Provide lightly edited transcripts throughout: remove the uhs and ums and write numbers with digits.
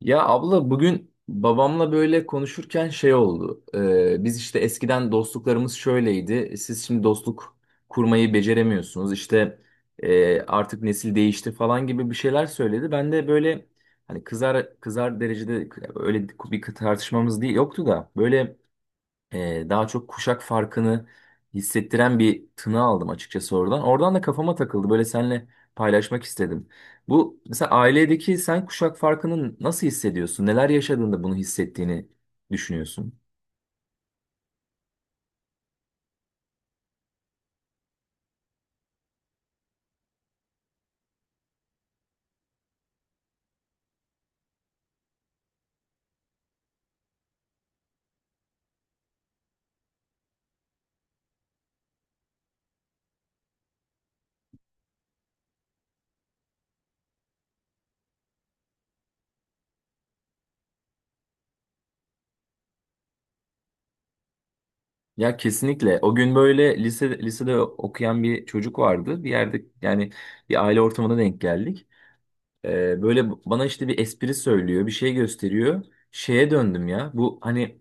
Ya abla bugün babamla böyle konuşurken şey oldu. Biz işte eskiden dostluklarımız şöyleydi. Siz şimdi dostluk kurmayı beceremiyorsunuz. İşte artık nesil değişti falan gibi bir şeyler söyledi. Ben de böyle hani kızar kızar derecede öyle bir tartışmamız değil yoktu da böyle daha çok kuşak farkını hissettiren bir tını aldım açıkçası oradan. Oradan da kafama takıldı. Böyle seninle paylaşmak istedim. Bu mesela ailedeki sen kuşak farkını nasıl hissediyorsun? Neler yaşadığında bunu hissettiğini düşünüyorsun? Ya kesinlikle. O gün böyle lise, lisede okuyan bir çocuk vardı. Bir yerde yani bir aile ortamına denk geldik. Böyle bana işte bir espri söylüyor, bir şey gösteriyor. Şeye döndüm ya. Bu hani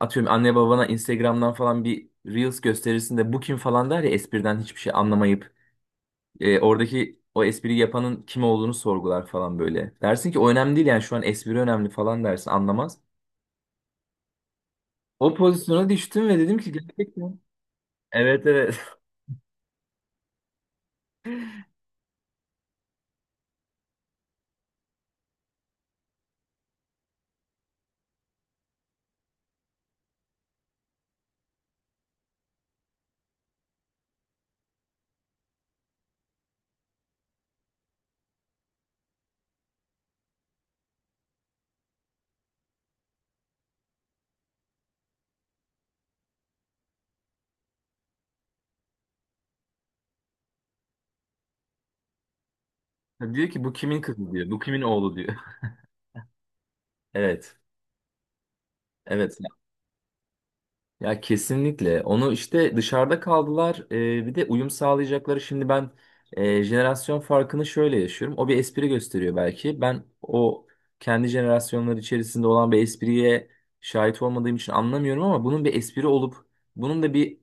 atıyorum anne babana Instagram'dan falan bir Reels gösterirsin de bu kim falan der ya espriden hiçbir şey anlamayıp oradaki o espriyi yapanın kim olduğunu sorgular falan böyle. Dersin ki o önemli değil yani şu an espri önemli falan dersin anlamaz. O pozisyona düştüm ve dedim ki gerçekten. Evet, evet. Diyor ki bu kimin kızı diyor. Bu kimin oğlu diyor. Evet. Evet. Ya kesinlikle. Onu işte dışarıda kaldılar. Bir de uyum sağlayacakları. Şimdi ben jenerasyon farkını şöyle yaşıyorum. O bir espri gösteriyor belki. Ben o kendi jenerasyonları içerisinde olan bir espriye şahit olmadığım için anlamıyorum ama bunun bir espri olup bunun da bir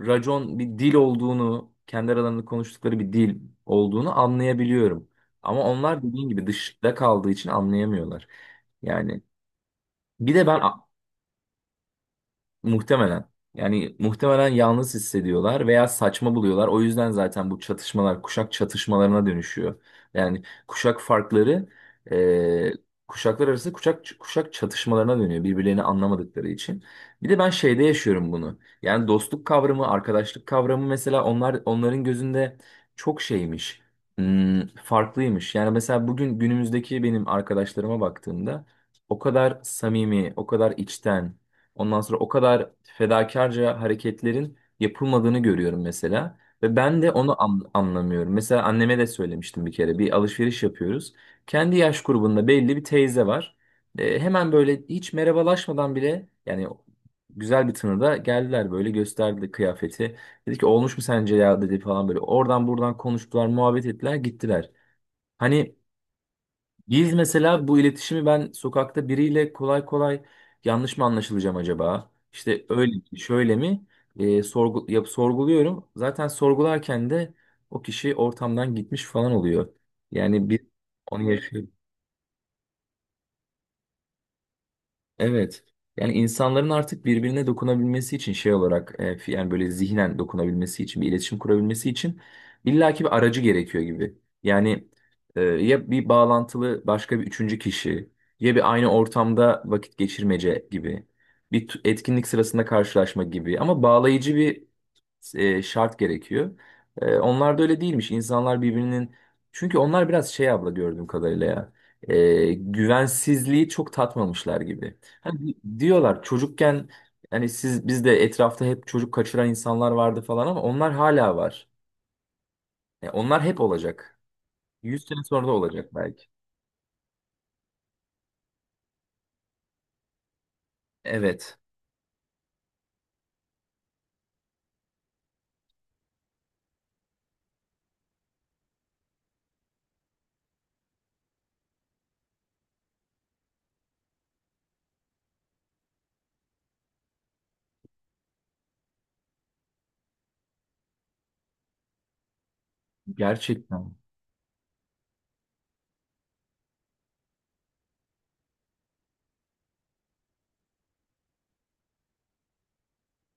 racon, bir dil olduğunu, kendi aralarında konuştukları bir dil olduğunu anlayabiliyorum. Ama onlar dediğin gibi dışta kaldığı için anlayamıyorlar. Yani bir de ben muhtemelen. Yani muhtemelen yalnız hissediyorlar veya saçma buluyorlar. O yüzden zaten bu çatışmalar kuşak çatışmalarına dönüşüyor. Yani kuşak farkları e, kuşaklar arası kuşak çatışmalarına dönüyor birbirlerini anlamadıkları için. Bir de ben şeyde yaşıyorum bunu. Yani dostluk kavramı, arkadaşlık kavramı mesela onların gözünde çok şeymiş. Farklıymış. Yani mesela bugün günümüzdeki benim arkadaşlarıma baktığımda o kadar samimi, o kadar içten, ondan sonra o kadar fedakarca hareketlerin yapılmadığını görüyorum mesela. Ve ben de onu anlamıyorum. Mesela anneme de söylemiştim bir kere. Bir alışveriş yapıyoruz. Kendi yaş grubunda belli bir teyze var. E, hemen böyle hiç merhabalaşmadan bile yani güzel bir tınıda geldiler böyle gösterdi kıyafeti. Dedi ki olmuş mu sence ya dedi falan böyle. Oradan buradan konuştular, muhabbet ettiler, gittiler. Hani biz mesela bu iletişimi ben sokakta biriyle kolay kolay yanlış mı anlaşılacağım acaba? İşte öyle mi, şöyle mi? Sorguluyorum. Zaten sorgularken de o kişi ortamdan gitmiş falan oluyor. Yani bir onu yaşıyor. Evet. Yani insanların artık birbirine dokunabilmesi için şey olarak yani böyle zihnen dokunabilmesi için bir iletişim kurabilmesi için illaki bir aracı gerekiyor gibi. Yani ya bir bağlantılı başka bir üçüncü kişi ya bir aynı ortamda vakit geçirmece gibi bir etkinlik sırasında karşılaşma gibi ama bağlayıcı bir şart gerekiyor. E, onlar da öyle değilmiş. İnsanlar birbirinin, çünkü onlar biraz şey abla gördüğüm kadarıyla ya, güvensizliği çok tatmamışlar gibi. Hani diyorlar çocukken hani siz biz de etrafta hep çocuk kaçıran insanlar vardı falan ama onlar hala var. E, onlar hep olacak. 100 sene sonra da olacak belki. Evet. Gerçekten.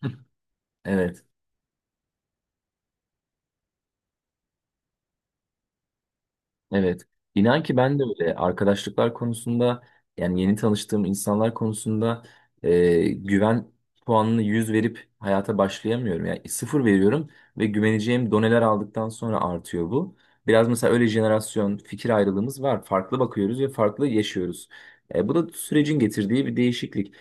Evet. Evet. İnan ki ben de öyle arkadaşlıklar konusunda yani yeni tanıştığım insanlar konusunda güven puanını 100 verip hayata başlayamıyorum. Yani sıfır veriyorum ve güveneceğim doneler aldıktan sonra artıyor bu. Biraz mesela öyle jenerasyon fikir ayrılığımız var. Farklı bakıyoruz ve farklı yaşıyoruz. E, bu da sürecin getirdiği bir değişiklik.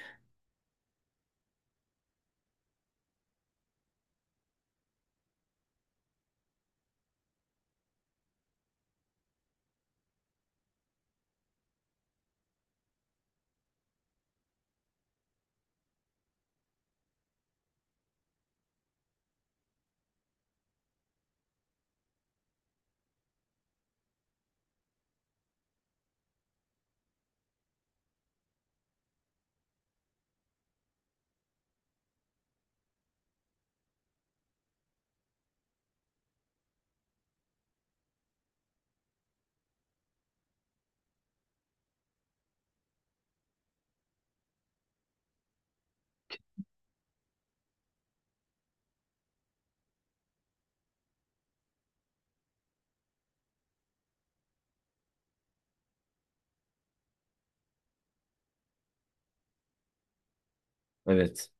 Evet.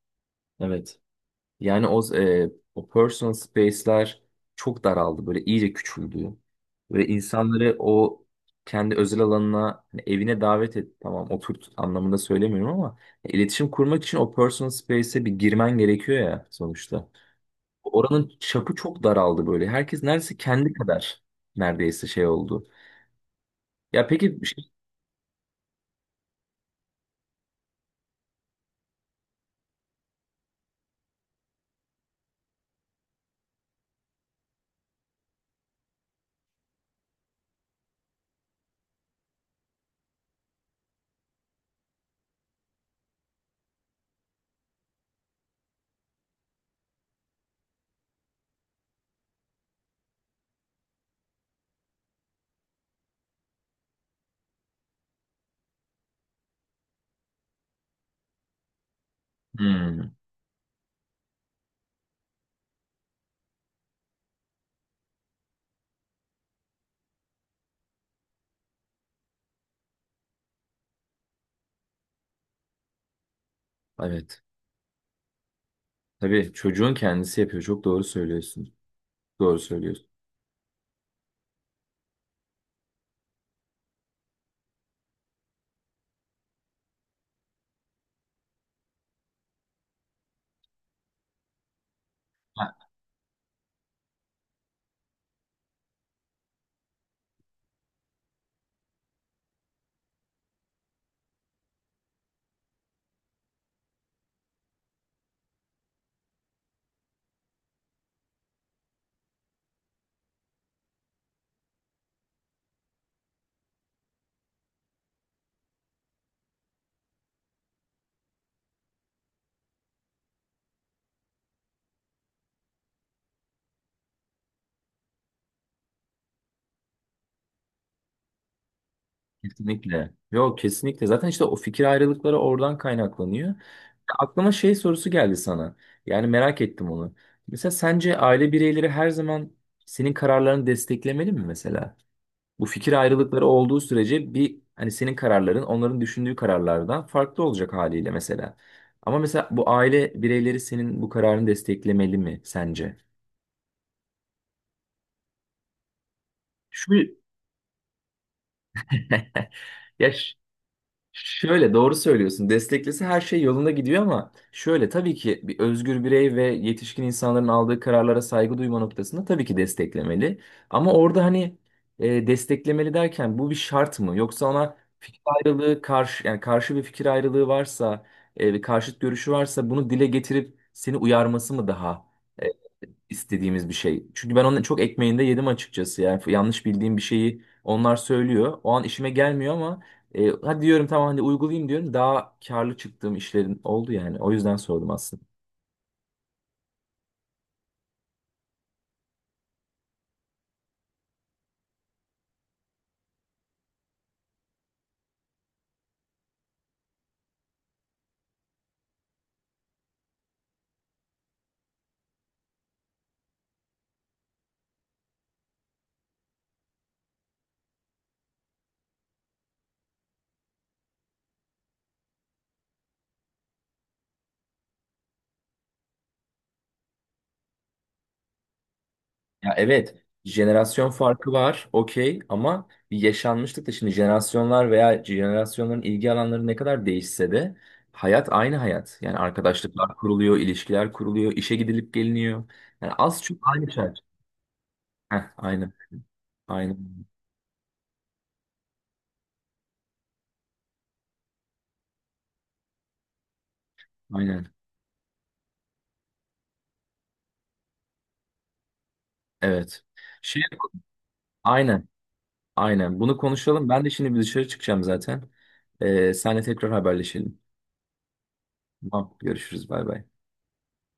Evet. Yani o personal space'ler çok daraldı. Böyle iyice küçüldü. Ve insanları o kendi özel alanına, hani evine davet et. Tamam oturt anlamında söylemiyorum ama iletişim kurmak için o personal space'e bir girmen gerekiyor ya sonuçta. Oranın çapı çok daraldı böyle. Herkes neredeyse kendi kadar neredeyse şey oldu. Ya peki bir şey... Hmm, evet. Tabii çocuğun kendisi yapıyor. Çok doğru söylüyorsun. Doğru söylüyorsun. Kesinlikle. Yok kesinlikle. Zaten işte o fikir ayrılıkları oradan kaynaklanıyor. Ya aklıma şey sorusu geldi sana. Yani merak ettim onu. Mesela sence aile bireyleri her zaman senin kararlarını desteklemeli mi mesela? Bu fikir ayrılıkları olduğu sürece bir hani senin kararların onların düşündüğü kararlardan farklı olacak haliyle mesela. Ama mesela bu aile bireyleri senin bu kararını desteklemeli mi sence? Şu ya şöyle doğru söylüyorsun. Desteklese her şey yolunda gidiyor ama şöyle tabii ki bir özgür birey ve yetişkin insanların aldığı kararlara saygı duyma noktasında tabii ki desteklemeli. Ama orada hani desteklemeli derken bu bir şart mı? Yoksa ona fikir ayrılığı karşı yani karşı bir fikir ayrılığı varsa, bir karşıt görüşü varsa bunu dile getirip seni uyarması mı daha e, istediğimiz bir şey? Çünkü ben onun çok ekmeğinde yedim açıkçası. Yani yanlış bildiğim bir şeyi onlar söylüyor. O an işime gelmiyor ama hadi diyorum tamam hadi uygulayayım diyorum. Daha karlı çıktığım işlerin oldu yani. O yüzden sordum aslında. Ya evet, jenerasyon farkı var, okey ama bir yaşanmışlık da şimdi jenerasyonlar veya jenerasyonların ilgi alanları ne kadar değişse de hayat aynı hayat. Yani arkadaşlıklar kuruluyor, ilişkiler kuruluyor, işe gidilip geliniyor. Yani az çok aynı şey. Heh, aynı, aynı, aynen. Evet. Şey, aynen, aynen. Bunu konuşalım. Ben de şimdi bir dışarı çıkacağım zaten. Senle tekrar haberleşelim. Tamam, görüşürüz. Bay bay.